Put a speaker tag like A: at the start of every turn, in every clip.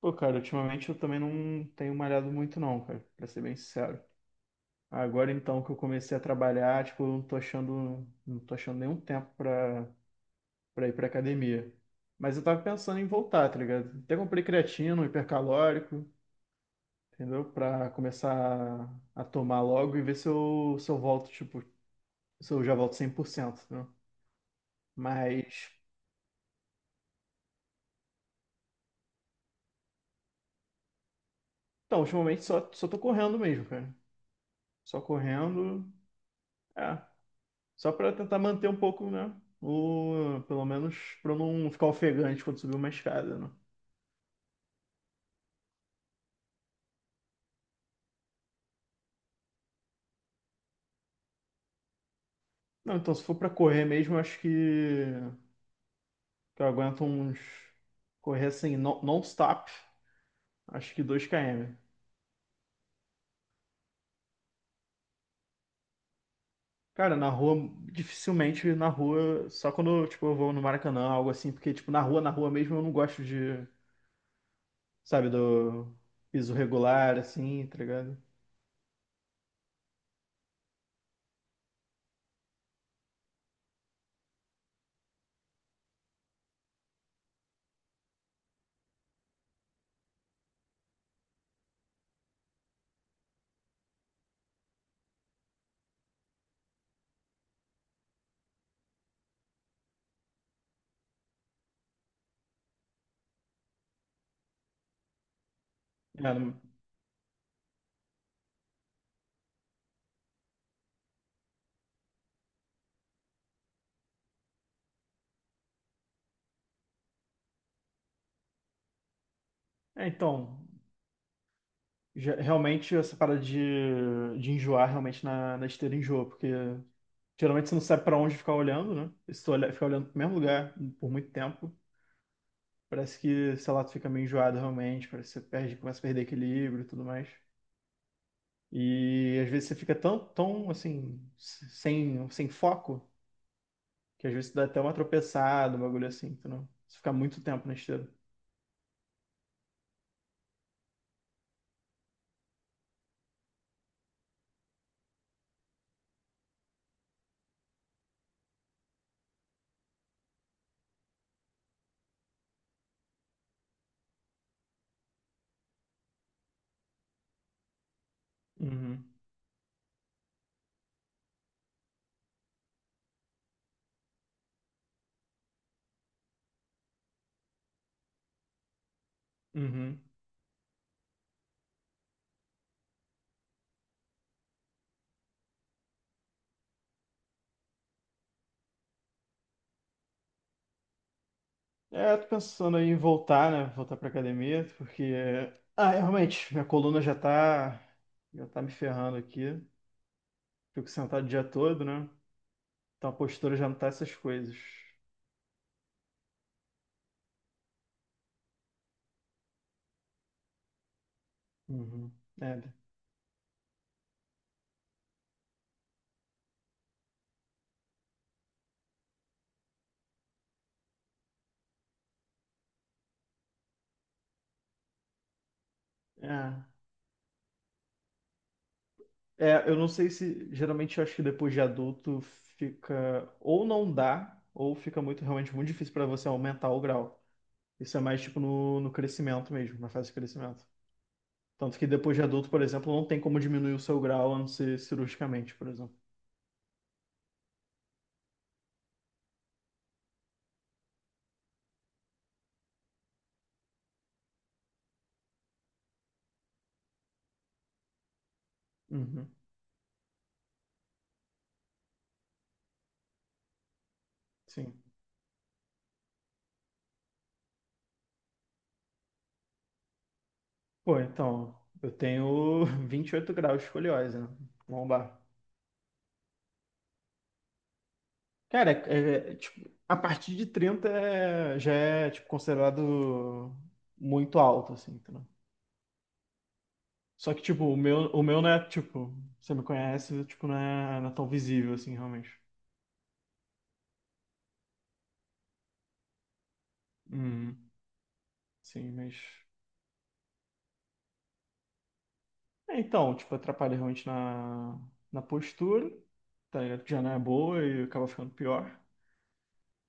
A: Pô, cara, ultimamente eu também não tenho malhado muito não, cara, pra ser bem sincero. Agora então que eu comecei a trabalhar, tipo, eu não tô achando nenhum tempo pra ir pra academia. Mas eu tava pensando em voltar, tá ligado? Até comprei creatina, um hipercalórico, entendeu? Pra começar a tomar logo e ver se eu volto, tipo, se eu já volto 100%, entendeu? Mas, então, ultimamente só tô correndo mesmo, cara. Só correndo. É. Só para tentar manter um pouco, né? O, pelo menos para não ficar ofegante quando subir uma escada, né? Não, então se for para correr mesmo, eu acho que eu aguento uns correr assim non-stop, acho que 2 km. Cara, na rua, dificilmente na rua, só quando tipo eu vou no Maracanã, algo assim, porque tipo na rua mesmo eu não gosto de, sabe, do piso regular assim, tá ligado? É, é, então, Realmente, essa parada de enjoar realmente na esteira enjoa, porque geralmente você não sabe pra onde ficar olhando, né? E se tu olhar, ficar olhando pro mesmo lugar por muito tempo, parece que, sei lá, tu fica meio enjoado realmente, parece que você perde, começa a perder equilíbrio e tudo mais. E às vezes você fica tão, tão assim, sem foco, que às vezes dá até uma tropeçada, um bagulho assim, entendeu? Se ficar muito tempo na esteira. Uhum, uhum. É, tô pensando aí em voltar, né? Voltar pra academia, porque. Ah, é, realmente, minha coluna já tá. Já tá me ferrando aqui. Fico sentado o dia todo, né? Então a postura já não tá essas coisas. Uhum. É, é. É, eu não sei se. Geralmente eu acho que depois de adulto fica. Ou não dá, ou fica muito, realmente muito difícil pra você aumentar o grau. Isso é mais tipo no crescimento mesmo, na fase de crescimento. Tanto que depois de adulto, por exemplo, não tem como diminuir o seu grau a não ser cirurgicamente, por exemplo. Uhum, sim. Pô, então, eu tenho 28 graus de escoliose, né? Lombar. Cara, é, tipo, a partir de 30 já é, tipo, considerado muito alto, assim, entendeu? Só que, tipo, o meu não é, tipo, você me conhece, tipo, não é tão visível, assim, realmente. Uhum, sim, mas... É, então, tipo, atrapalha realmente na postura, tá ligado? Que já não é boa e acaba ficando pior.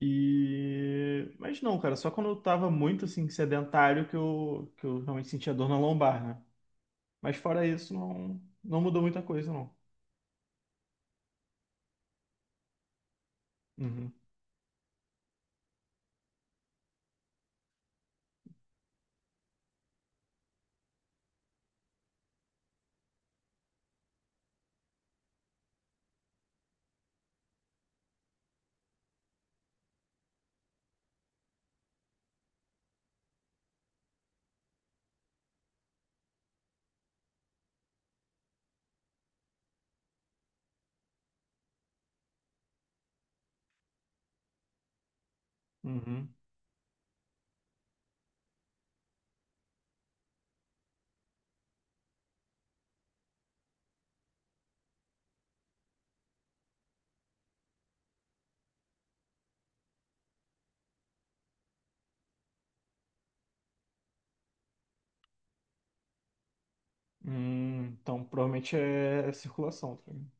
A: E... Mas não, cara, só quando eu tava muito assim, sedentário que eu realmente sentia dor na lombar, né? Mas fora isso, não mudou muita coisa, não. Uhum, uhum. Então, provavelmente é circulação, tá ligado?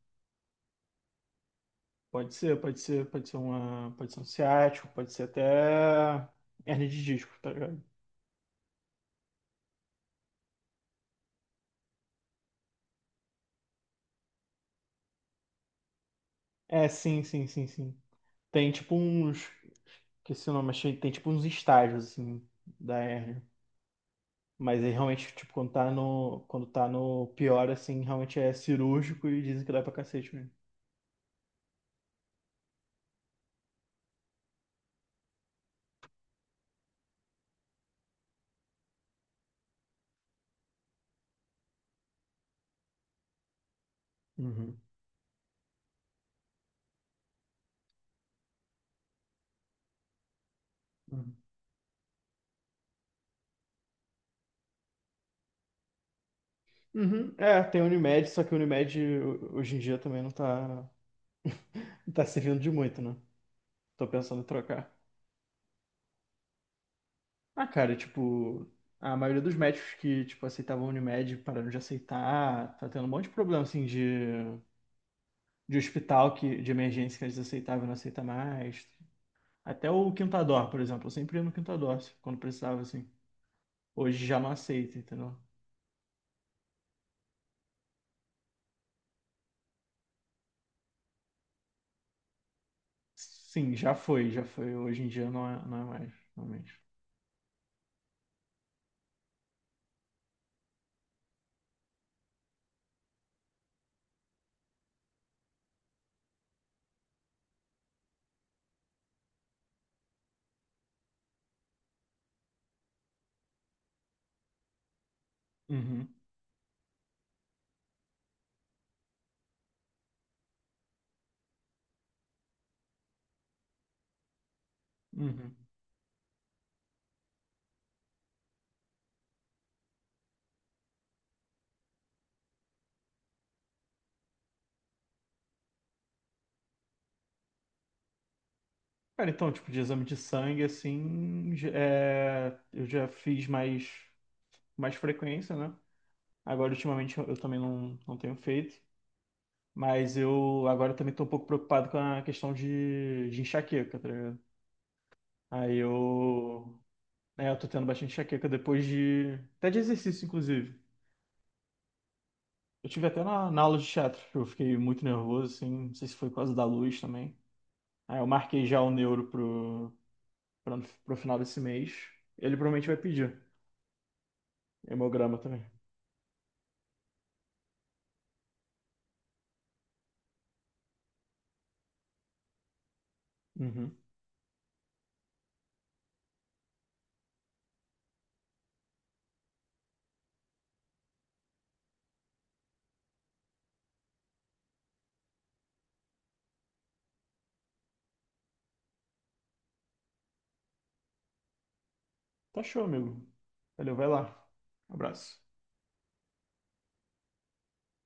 A: Pode ser, pode ser, pode ser uma, pode ser um ciático, pode ser até hernia de disco, tá ligado? É, sim, sim, sim, sim. Tem tipo uns, que esse nome achei, tem tipo uns estágios assim da hernia. Mas aí realmente, tipo, quando tá no pior, assim, realmente é cirúrgico e dizem que dá pra cacete mesmo. Uhum, uhum. Uhum. É, tem Unimed, só que o Unimed hoje em dia também não tá servindo de muito, né? Tô pensando em trocar. Ah, cara, tipo, a maioria dos médicos que, tipo, aceitavam Unimed pararam de aceitar, tá tendo um monte de problema, assim, de hospital que, de emergência que eles aceitavam e não aceita mais. Até o Quintador, por exemplo, eu sempre ia no Quintador, quando precisava, assim. Hoje já não aceita, entendeu? Sim, já foi, já foi. Hoje em dia não é mais, realmente. Uhum, uhum. Cara, então, tipo, de exame de sangue, assim, eu já fiz mais, mais frequência, né? Agora, ultimamente, eu também não tenho feito. Mas eu agora também tô um pouco preocupado com a questão de enxaqueca, tá ligado? Aí eu. É, eu tô tendo bastante enxaqueca depois de. Até de exercício, inclusive. Eu tive até na aula de teatro, que eu fiquei muito nervoso, assim, não sei se foi por causa da luz também. Aí eu marquei já o neuro pra, pro final desse mês. Ele provavelmente vai pedir hemograma também. Uhum. Tá show, amigo. Valeu, vai lá. Abraço.